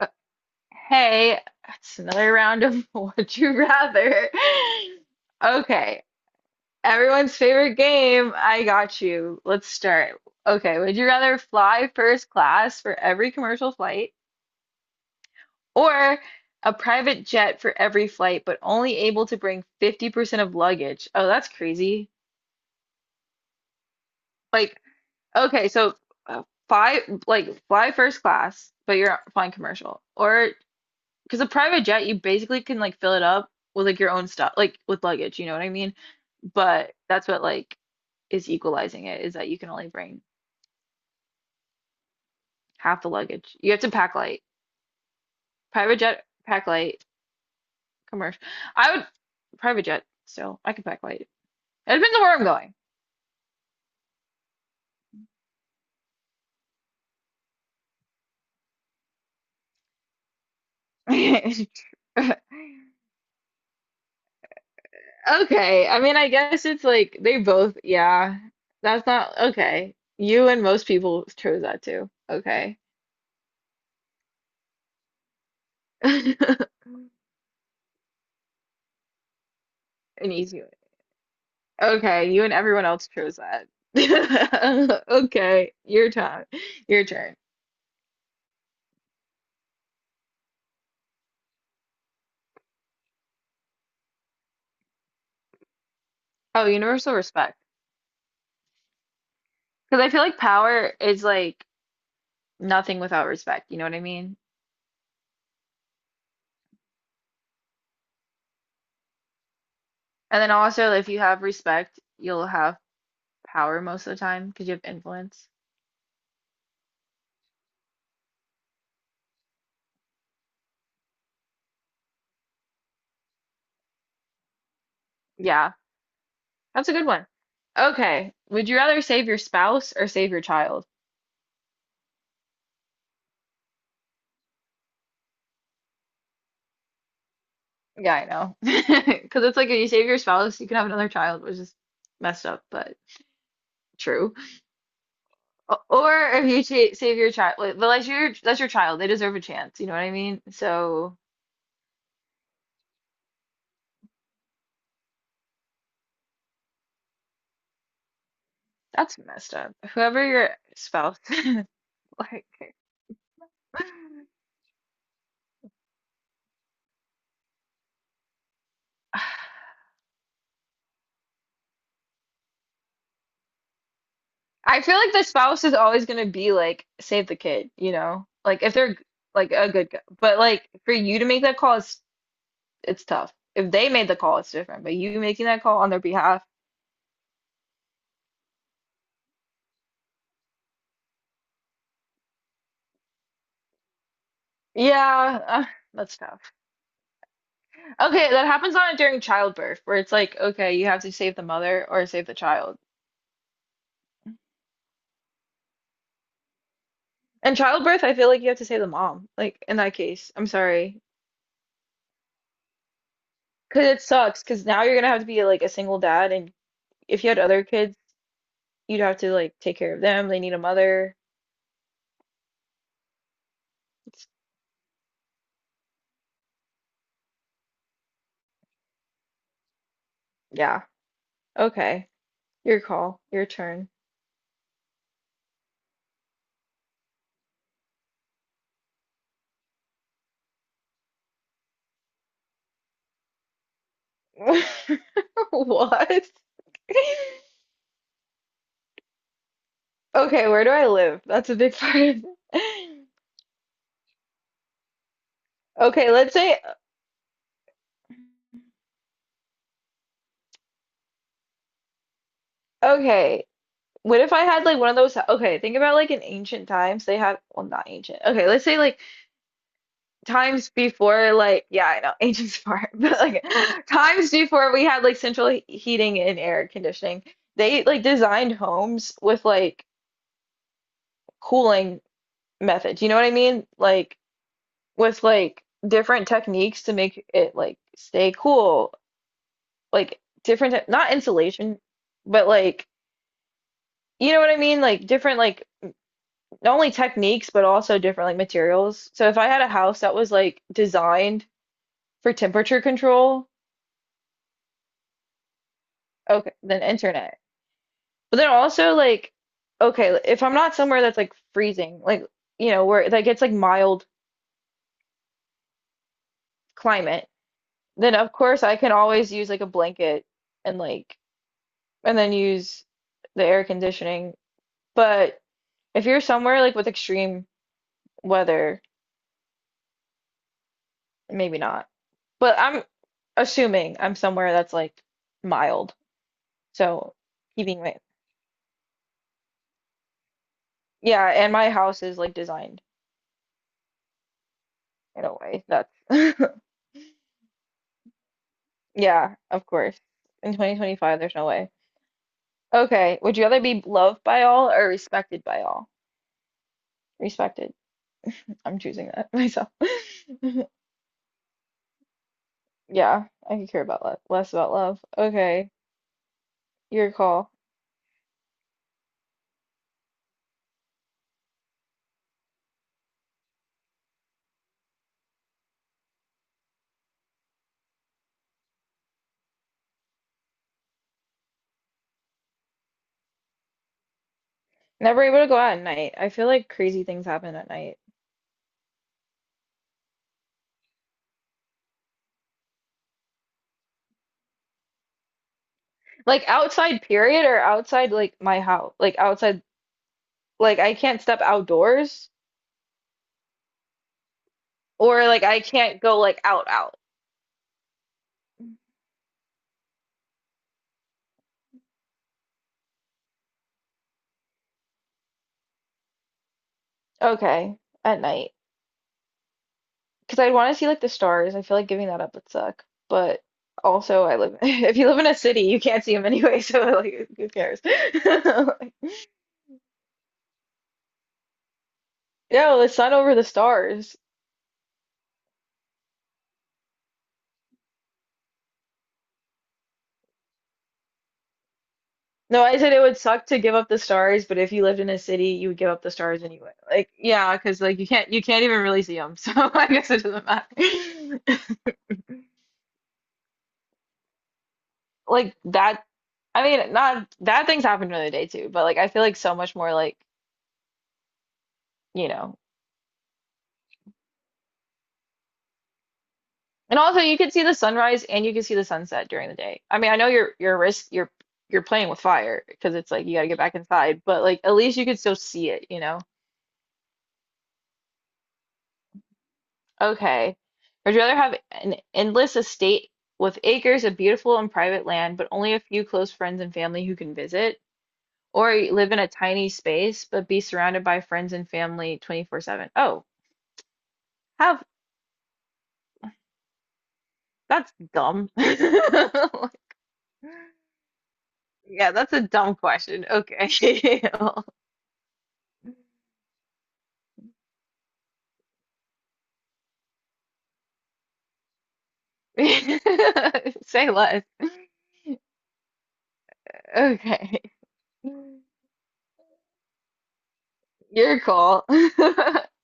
Uh, Hey, it's another round of Would You Rather. Okay, everyone's favorite game. I got you. Let's start. Okay, would you rather fly first class for every commercial flight or a private jet for every flight, but only able to bring 50% of luggage? Oh, that's crazy. Like, okay, so fly like fly first class, but you're flying commercial, or because a private jet, you basically can like fill it up with like your own stuff, like with luggage, you know what I mean? But that's what like is equalizing it is that you can only bring half the luggage. You have to pack light. Private jet, pack light, commercial. I would private jet so I could pack light. It depends on where I'm going. Okay. I mean, I guess it's like they both, yeah. That's not okay. You and most people chose that too. Okay. An easy one. Okay, you and everyone else chose that. Okay, your time, your turn. Oh, universal respect. Because I feel like power is like nothing without respect. You know what I mean? And then also, if you have respect, you'll have power most of the time because you have influence. Yeah, that's a good one. Okay, would you rather save your spouse or save your child? Yeah, I know. Because it's like if you save your spouse, you can have another child, which is messed up, but true. O- Or if you cha- save your child, like, but that's your child. They deserve a chance. You know what I mean? So that's messed up. Whoever your spouse, like, I feel like the spouse is always gonna be like, save the kid. You know, like if they're like a good, g- but like for you to make that call, it's tough. If they made the call, it's different. But you making that call on their behalf, yeah, that's tough. Okay, that happens a during childbirth, where it's like, okay, you have to save the mother or save the child. And childbirth, I feel like you have to say the mom, like in that case. I'm sorry. 'Cause it sucks, 'cause now you're gonna have to be like a single dad, and if you had other kids, you'd have to like take care of them. They need a mother. It's, yeah. Okay. Your call. Your turn. What? Okay, where do I live? That's a big part. Okay, let's say, okay, what if I had like one of those? Okay, think about like in ancient times, they had, well, not ancient. Okay, let's say like times before like yeah I know ancient's far but like times before we had like central he- heating and air conditioning they like designed homes with like cooling methods you know what I mean like with like different techniques to make it like stay cool like different te- not insulation but like you know what I mean like different like not only techniques but also different like materials so if I had a house that was like designed for temperature control okay then internet. But then also like okay, if I'm not somewhere that's like freezing, like you know, where that gets like mild climate, then of course I can always use like a blanket and like and then use the air conditioning. But if you're somewhere like with extreme weather, maybe not. But I'm assuming I'm somewhere that's like mild. So keeping my yeah, and my house is like designed in a way that's yeah, of course. In 2025, there's no way. Okay. Would you rather be loved by all or respected by all? Respected. I'm choosing that myself. Yeah, I could care about love, less about love. Okay, your call. Never able to go out at night. I feel like crazy things happen at night. Like outside, period, or outside like my house. Like outside, like I can't step outdoors or like I can't go like out out. Okay, at night. Because I'd want to see like the stars. I feel like giving that up would suck. But also, I live if you live in a city, you can't see them anyway. So like, who cares? Like, no, the sun over the stars. No, I said it would suck to give up the stars, but if you lived in a city, you would give up the stars anyway. Like, yeah, because like you can't even really see them. So I guess it doesn't matter. Like that. I mean, not that things happen during the day too, but like I feel like so much more like you know. And also, you can see the sunrise and you can see the sunset during the day. I mean, I know you're risk you're playing with fire because it's like you got to get back inside, but like at least you could still see it, you know? Okay. Would you rather have an endless estate with acres of beautiful and private land, but only a few close friends and family who can visit, or live in a tiny space but be surrounded by friends and family 24/7? Oh, have that's dumb. Yeah, that's a dumb question. Okay. Say less. Okay. Your call.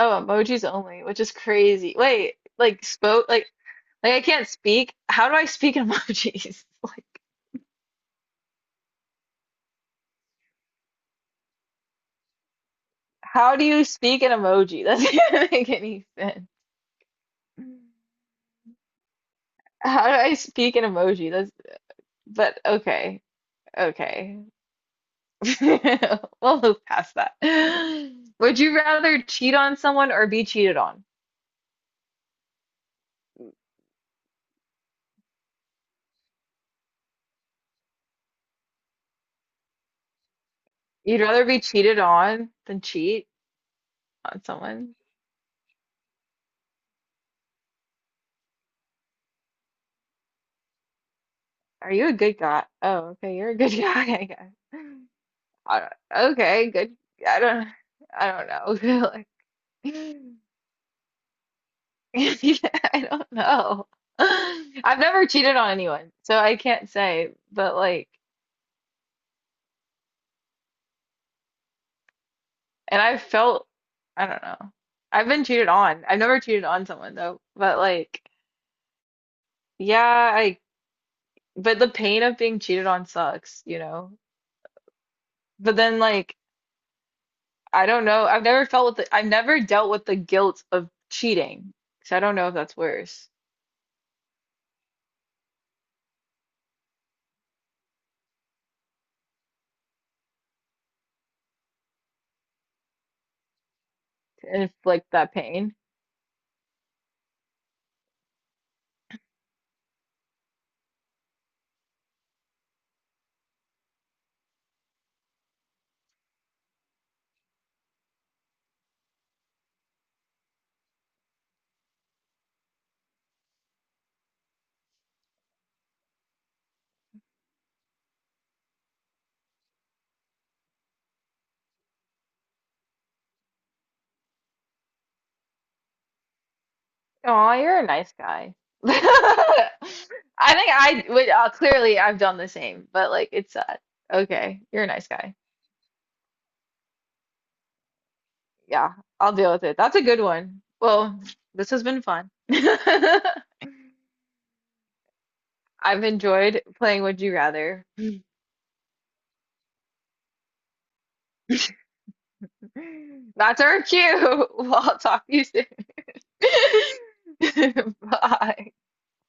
Oh, emojis only, which is crazy. Wait, like spoke like I can't speak. How do I speak in emojis? Like how do you speak in emoji? That doesn't make any sense. How do I speak in emoji? That's but okay. Okay. We'll move past that. Would you rather cheat on someone or be cheated on? You'd rather be cheated on than cheat? On someone. Are you a good guy? Oh, okay, you're a good guy, I guess. I don't, okay, good. I don't, I don't know. Like, yeah, I don't know. I've never cheated on anyone, so I can't say, but like, and I've felt, I don't know. I've been cheated on. I've never cheated on someone though, but like, yeah, I, but the pain of being cheated on sucks, you know? But then like, I don't know. I've never felt with the, I've never dealt with the guilt of cheating. So I don't know if that's worse. And if like that pain. Oh, you're a nice guy. I think I would clearly I've done the same, but like it's sad. Okay, you're a nice guy. Yeah, I'll deal with it. That's a good one. Well, this has been fun. I've enjoyed playing Would You Rather. That's our cue. Well, I'll talk to you soon. Bye.